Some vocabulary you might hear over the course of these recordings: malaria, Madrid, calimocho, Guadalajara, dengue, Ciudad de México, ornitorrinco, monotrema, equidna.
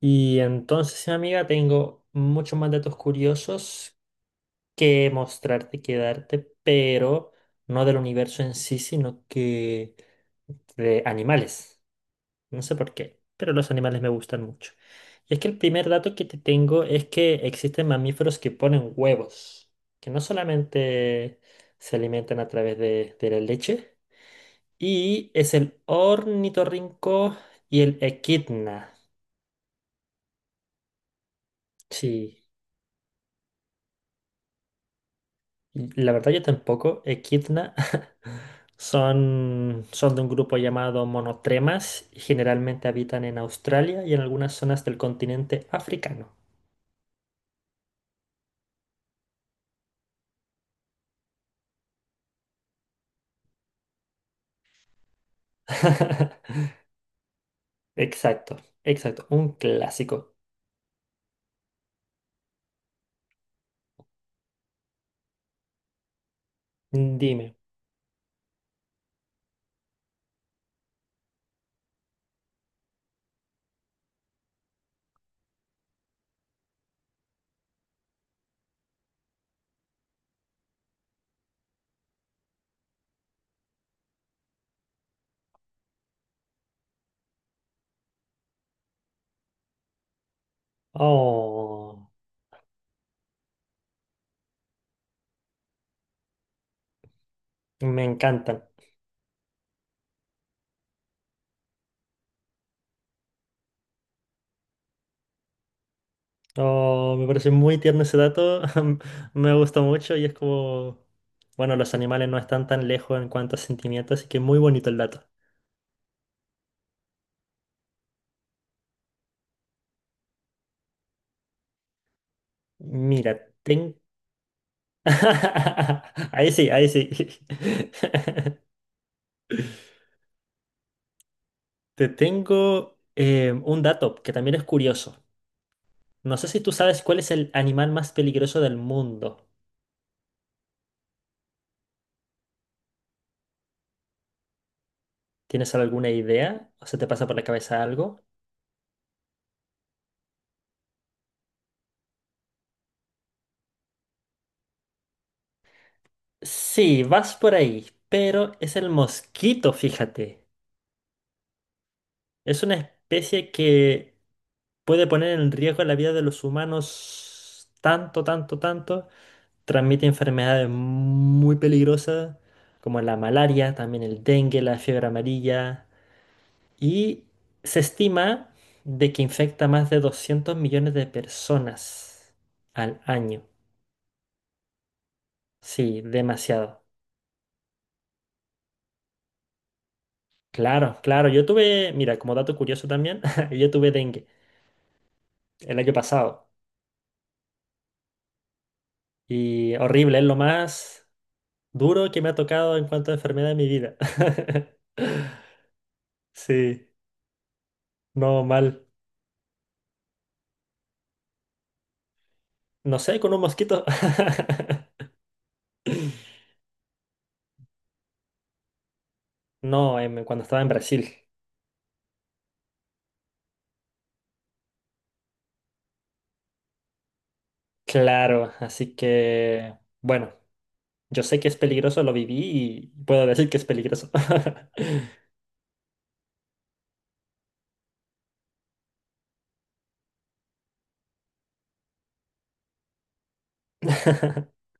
Y entonces, amiga, tengo muchos más datos curiosos que mostrarte, que darte, pero no del universo en sí, sino que de animales. No sé por qué, pero los animales me gustan mucho. Y es que el primer dato que te tengo es que existen mamíferos que ponen huevos, que no solamente se alimentan a través de la leche, y es el ornitorrinco y el equidna. Sí. La verdad yo tampoco. Echidna son de un grupo llamado monotremas y generalmente habitan en Australia y en algunas zonas del continente africano. Exacto, exacto. Un clásico. Dime. Oh, me encantan. Oh, me parece muy tierno ese dato. Me gustó mucho y es como... Bueno, los animales no están tan lejos en cuanto a sentimientos, así que muy bonito el dato. Mira, ahí sí, ahí sí. Te tengo un dato que también es curioso. No sé si tú sabes cuál es el animal más peligroso del mundo. ¿Tienes alguna idea? ¿O se te pasa por la cabeza algo? Sí, vas por ahí, pero es el mosquito, fíjate. Es una especie que puede poner en riesgo la vida de los humanos tanto, tanto, tanto. Transmite enfermedades muy peligrosas como la malaria, también el dengue, la fiebre amarilla y se estima de que infecta más de 200 millones de personas al año. Sí, demasiado. Claro, claro. Yo tuve, mira, como dato curioso también, yo tuve dengue el año pasado y horrible, es lo más duro que me ha tocado en cuanto a enfermedad de mi vida. Sí, no mal. No sé, con un mosquito. No, cuando estaba en Brasil. Claro, así que, bueno, yo sé que es peligroso, lo viví y puedo decir que es peligroso.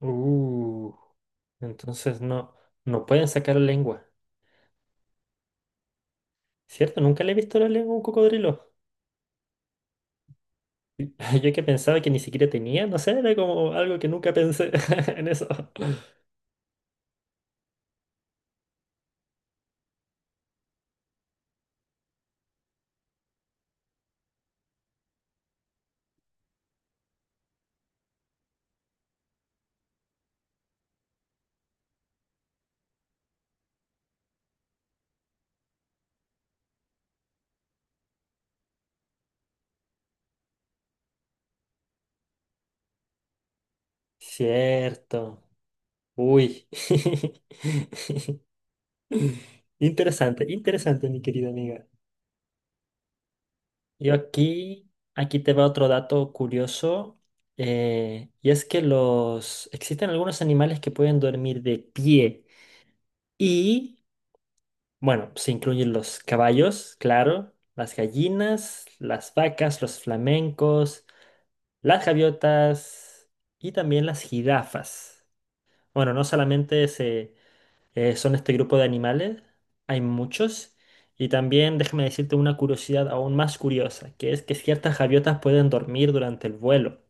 Uh, entonces no, no pueden sacar la lengua. ¿Cierto? Nunca le he visto la lengua a un cocodrilo. Yo que pensaba que ni siquiera tenía, no sé, era como algo que nunca pensé en eso. Cierto. Uy. Interesante, interesante, mi querida amiga. Yo aquí te va otro dato curioso, y es que existen algunos animales que pueden dormir de pie y, bueno, se incluyen los caballos, claro, las gallinas, las vacas, los flamencos, las gaviotas y también las jirafas. Bueno, no solamente se son este grupo de animales, hay muchos. Y también déjame decirte una curiosidad aún más curiosa, que es que ciertas gaviotas pueden dormir durante el vuelo.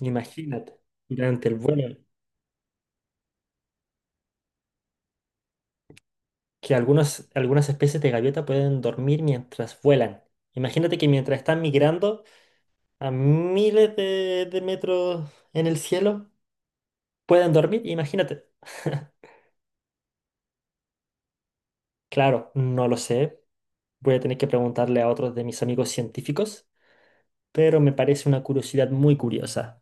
Imagínate, durante el vuelo, que algunas especies de gaviota pueden dormir mientras vuelan. Imagínate que mientras están migrando a miles de metros en el cielo, pueden dormir, imagínate. Claro, no lo sé. Voy a tener que preguntarle a otros de mis amigos científicos. Pero me parece una curiosidad muy curiosa.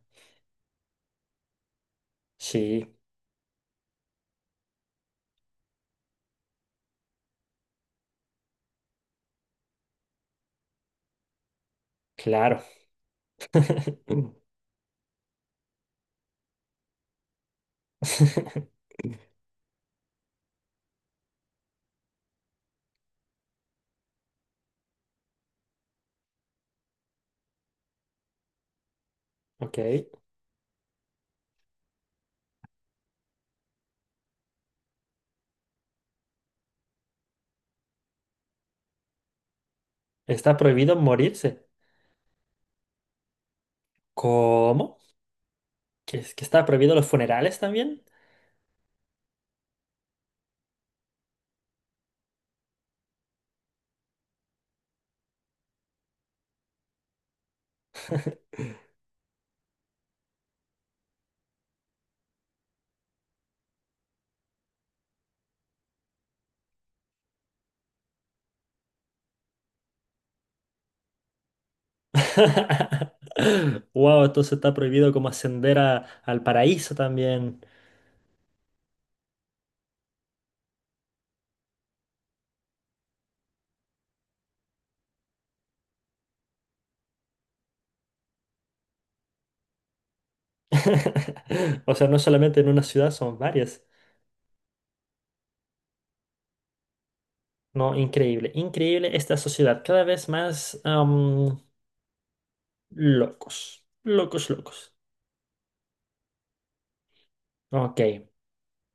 Sí, claro. Ok. ¿Está prohibido morirse? ¿Cómo? ¿Que, es- que está prohibido los funerales también? Wow, entonces está prohibido como ascender a- al paraíso también. O sea, no solamente en una ciudad, son varias. No, increíble, increíble esta sociedad. Cada vez más locos, locos, locos. Ok.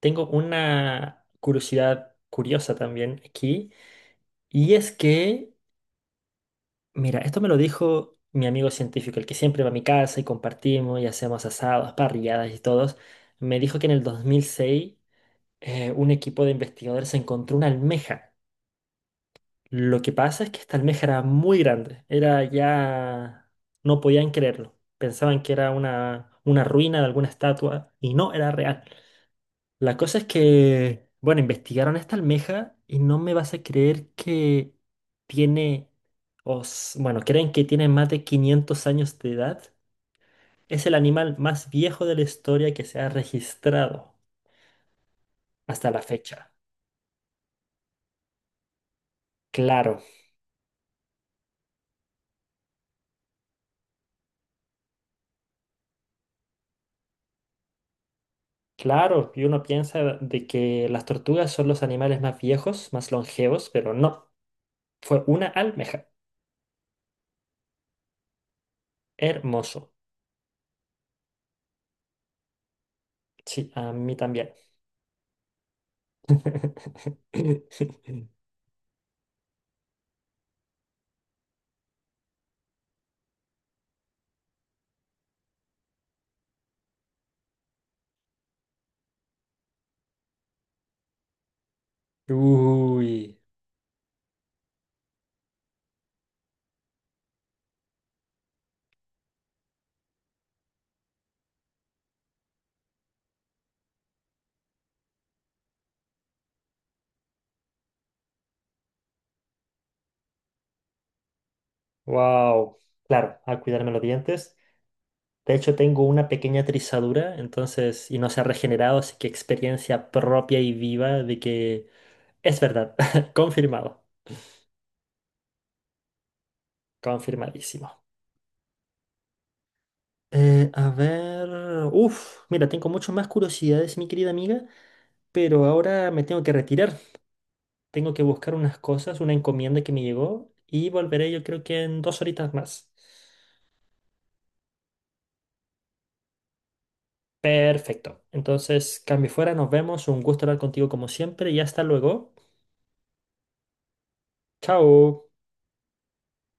Tengo una curiosidad curiosa también aquí, y es que, mira, esto me lo dijo mi amigo científico, el que siempre va a mi casa y compartimos y hacemos asados, parrilladas y todos, me dijo que en el 2006 un equipo de investigadores encontró una almeja. Lo que pasa es que esta almeja era muy grande, era ya... no podían creerlo, pensaban que era una ruina de alguna estatua y no era real. La cosa es que, bueno, investigaron esta almeja y no me vas a creer que tiene, bueno, creen que tiene más de 500 años de edad. Es el animal más viejo de la historia que se ha registrado hasta la fecha. Claro, claro, y uno piensa de que las tortugas son los animales más viejos, más longevos, pero no, fue una almeja. Hermoso. Sí, a mí también. Uy. Wow. Claro, al cuidarme los dientes. De hecho, tengo una pequeña trizadura, entonces, y no se ha regenerado, así que experiencia propia y viva de que es verdad. Confirmado. Confirmadísimo. A ver. Uf, mira, tengo mucho más curiosidades, mi querida amiga, pero ahora me tengo que retirar. Tengo que buscar unas cosas, una encomienda que me llegó, y volveré yo creo que en 2 horitas más. Perfecto. Entonces, cambio fuera, nos vemos. Un gusto hablar contigo como siempre y hasta luego. Chao.